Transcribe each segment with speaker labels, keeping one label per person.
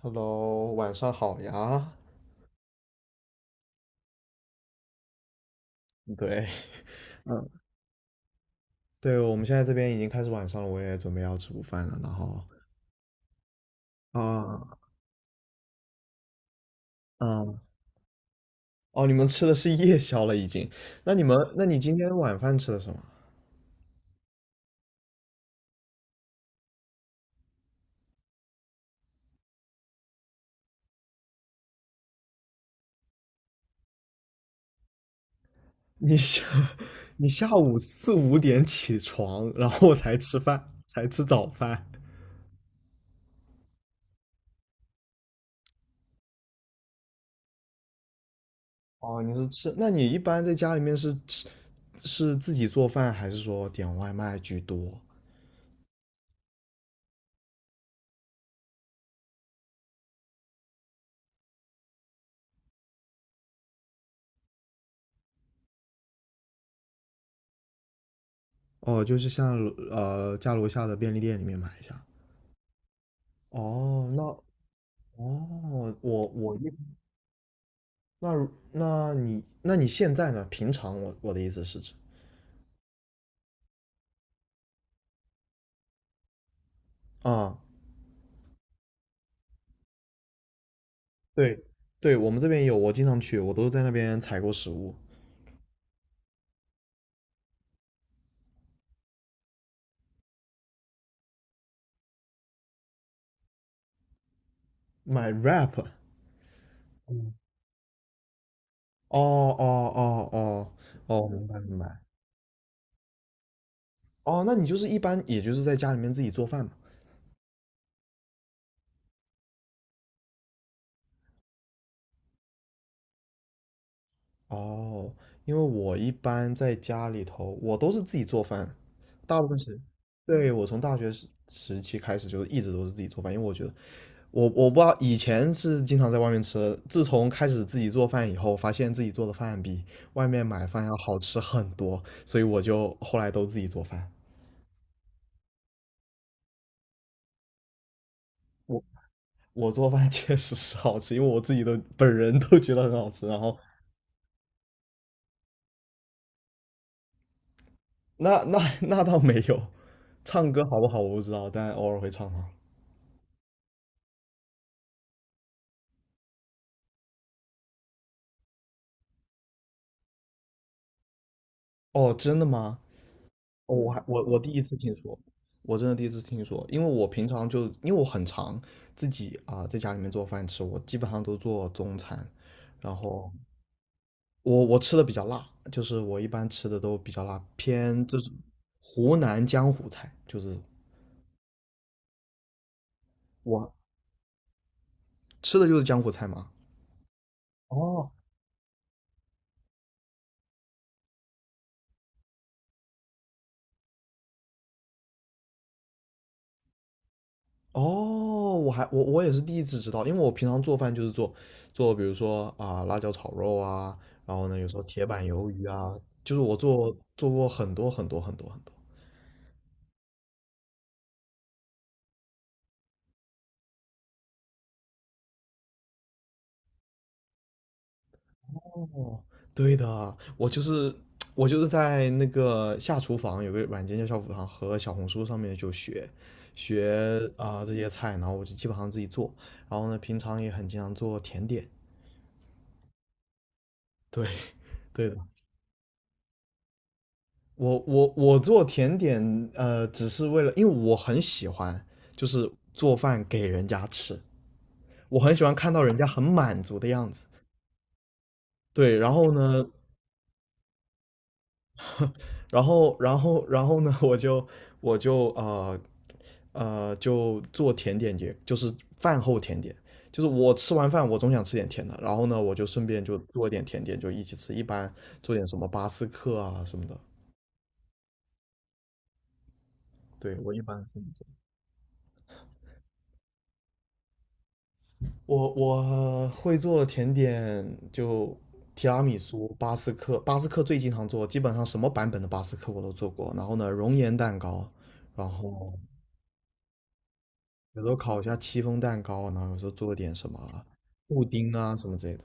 Speaker 1: Hello，晚上好呀。对，嗯 对，我们现在这边已经开始晚上了，我也准备要吃午饭了。然后，啊，嗯，哦，你们吃的是夜宵了已经？那你今天晚饭吃的什么？你下，你下午四五点起床，然后才吃饭，才吃早饭。哦，你是吃，那你一般在家里面是吃，是自己做饭，还是说点外卖居多？哦，就是像家楼下的便利店里面买一下。哦，哦，我我一那你现在呢？平常我的意思是指啊，对对，我们这边有，我经常去，我都在那边采购食物，买 wrap。嗯，哦哦哦哦哦，明白明白。哦，那你就是一般也就是在家里面自己做饭嘛？哦，因为我一般在家里头，我都是自己做饭，大部分是。对，我从大学时期开始，就是一直都是自己做饭，因为我觉得我不知道，以前是经常在外面吃，自从开始自己做饭以后，发现自己做的饭比外面买饭要好吃很多，所以我就后来都自己做饭。我我做饭 确实是好吃，因为我自己都本人都觉得很好吃。然后那倒没有，唱歌好不好我不知道，但偶尔会唱啊。哦，真的吗？哦我第一次听说，我真的第一次听说，因为我平常就因为我很常自己啊、在家里面做饭吃，我基本上都做中餐，然后我吃的比较辣，就是我一般吃的都比较辣，偏就是湖南江湖菜，就是我吃的就是江湖菜嘛。哦。哦，我也是第一次知道，因为我平常做饭就是做比如说啊辣椒炒肉啊，然后呢有时候铁板鱿鱼啊，就是我做过很多很多很多很多。哦，对的，我就是在那个下厨房有个软件叫下厨房和小红书上面就学啊、这些菜，然后我就基本上自己做，然后呢平常也很经常做甜点。对 对的，我做甜点，只是为了，因为我很喜欢，就是做饭给人家吃，我很喜欢看到人家很满足的样子。对，然后呢，然后然后然后呢，我就我就就做甜点也，就是饭后甜点，就是我吃完饭我总想吃点甜的，然后呢，我就顺便就做点甜点，就一起吃，一般做点什么巴斯克啊什么的。对，我一般是这么做。我会做的甜点就提拉米苏、巴斯克，巴斯克最经常做，基本上什么版本的巴斯克我都做过。然后呢，熔岩蛋糕，然后有时候烤一下戚风蛋糕，然后有时候做点什么布丁啊什么之类的。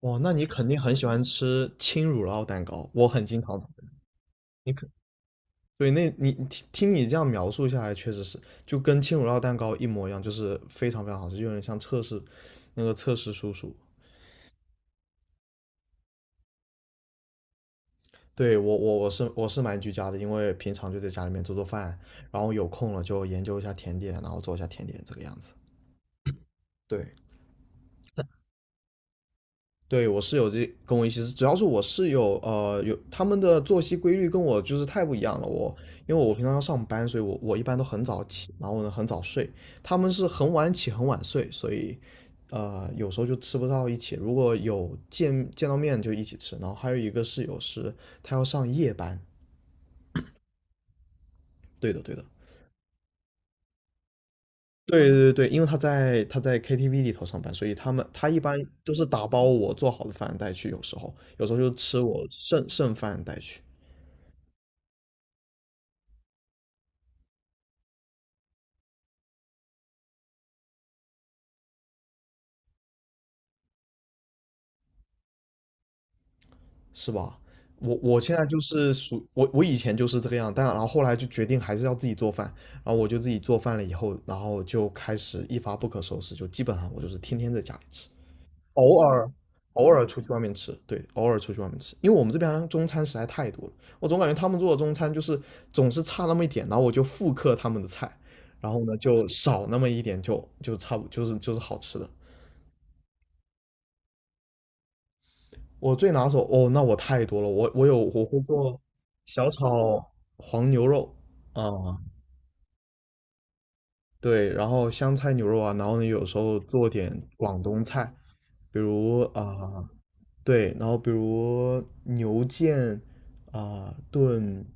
Speaker 1: 哇，那你肯定很喜欢吃轻乳酪蛋糕，我很经常。你可对，那你听听你这样描述下来，确实是就跟轻乳酪蛋糕一模一样，就是非常非常好吃，就有点像测试叔叔。对，我是蛮居家的，因为平常就在家里面做做饭，然后有空了就研究一下甜点，然后做一下甜点这个样子。对，对我室友这跟我一起是，主要是我室友有他们的作息规律跟我就是太不一样了。因为我平常要上班，所以我一般都很早起，然后呢很早睡，他们是很晚起很晚睡，所以有时候就吃不到一起。如果有见到面就一起吃，然后还有一个室友是他要上夜班，对的对的，对对对，因为他在 KTV 里头上班，所以他一般都是打包我做好的饭带去，有时候就吃我剩饭带去，是吧？我现在就是属我以前就是这个样，但然后后来就决定还是要自己做饭，然后我就自己做饭了以后，然后就开始一发不可收拾，就基本上我就是天天在家里吃。偶尔偶尔出去外面吃，对，偶尔出去外面吃，因为我们这边中餐实在太多了，我总感觉他们做的中餐就是总是差那么一点，然后我就复刻他们的菜，然后呢就少那么一点就，就差不就是好吃的。我最拿手哦，那我太多了，我我会做小炒黄牛肉啊，对，然后香菜牛肉啊，然后呢有时候做点广东菜，比如啊、对，然后比如牛腱啊、炖，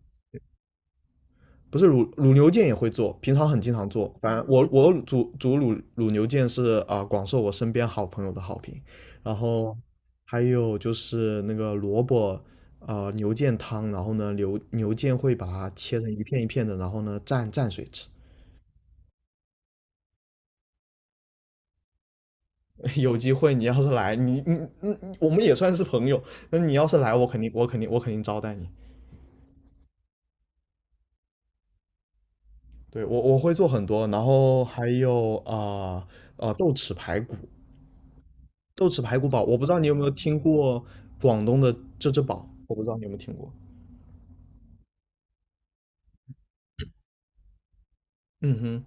Speaker 1: 不是卤牛腱也会做，平常很经常做。反正我煮卤牛腱是啊、广受我身边好朋友的好评，然后还有就是那个萝卜。啊牛腱汤，然后呢，牛腱会把它切成一片一片的，然后呢，蘸蘸水吃。有机会你要是来，你你你我们也算是朋友。那你要是来，我肯定招待你。对，我会做很多，然后还有啊豆豉排骨，豆豉排骨煲，我不知道你有没有听过广东的这只煲，我不知道你有没有听过。嗯哼，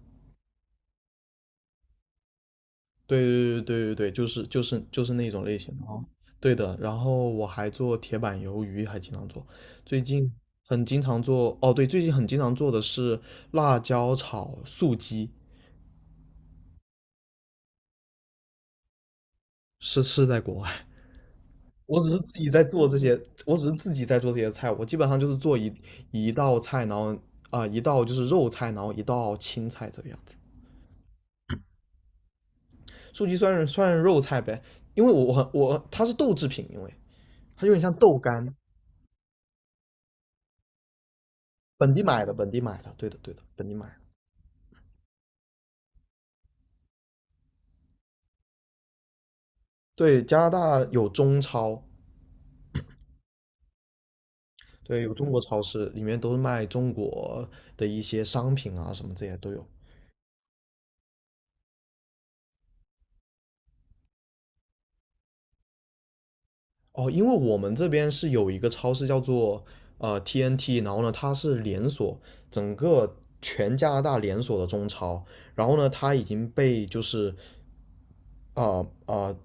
Speaker 1: 对对对对对对，就是就是就是那种类型的啊。对的，然后我还做铁板鱿鱼，还经常做。最近很经常做，哦，对，最近很经常做的是辣椒炒素鸡，是在国外。我只是自己在做这些，我只是自己在做这些菜，我基本上就是做一道菜，然后啊、一道就是肉菜，然后一道青菜这个样子。素鸡算是肉菜呗，因为我我我它是豆制品，因为它有点像豆干，本地买的，本地买的，对的对的，本地买的。对，加拿大有中超，对，有中国超市，里面都是卖中国的一些商品啊，什么这些都有。哦，因为我们这边是有一个超市叫做TNT，然后呢，它是连锁，整个全加拿大连锁的中超，然后呢，它已经被就是呃呃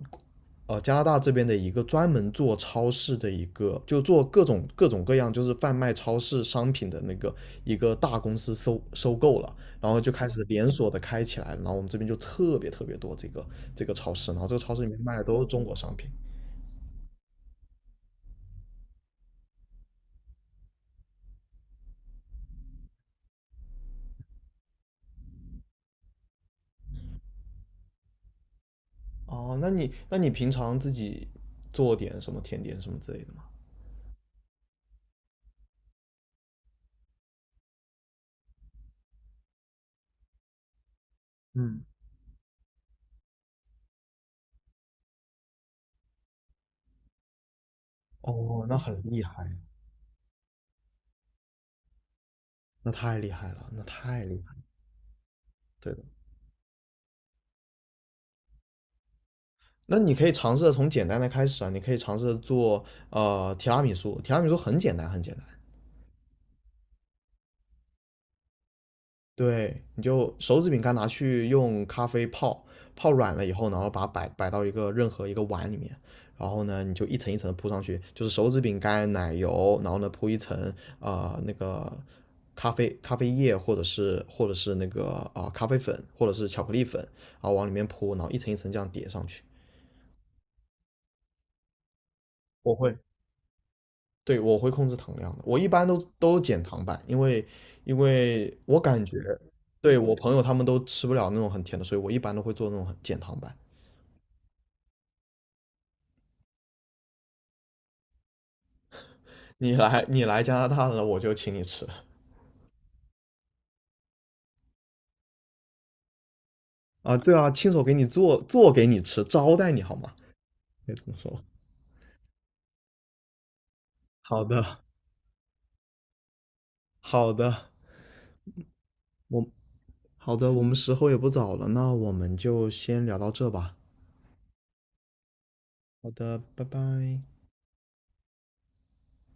Speaker 1: 加拿大这边的一个专门做超市的一个，就做各种各样就是贩卖超市商品的那个一个大公司收购了，然后就开始连锁的开起来了然后我们这边就特别特别多这个超市，然后这个超市里面卖的都是中国商品。哦，那你那你平常自己做点什么甜点什么之类的吗？嗯，哦，那很厉害，那太厉害了，那太厉害了对的，那你可以尝试着从简单的开始啊，你可以尝试着做提拉米苏，提拉米苏很简单，很简单。对，你就手指饼干拿去用咖啡泡，泡软了以后，然后把它摆到一个任何一个碗里面，然后呢，你就一层一层的铺上去，就是手指饼干、奶油，然后呢铺一层那个咖啡液或者是那个啊、咖啡粉或者是巧克力粉，然后往里面铺，然后一层一层这样叠上去。我会，对，我会控制糖量的，我一般都减糖版，因为我感觉，对我朋友他们都吃不了那种很甜的，所以我一般都会做那种很减糖版。你来加拿大了，我就请你吃啊，对啊，亲手给你做做给你吃，招待你好吗？可以这么说。好的，好的，我好的，我们时候也不早了，那我们就先聊到这吧。好的，拜拜。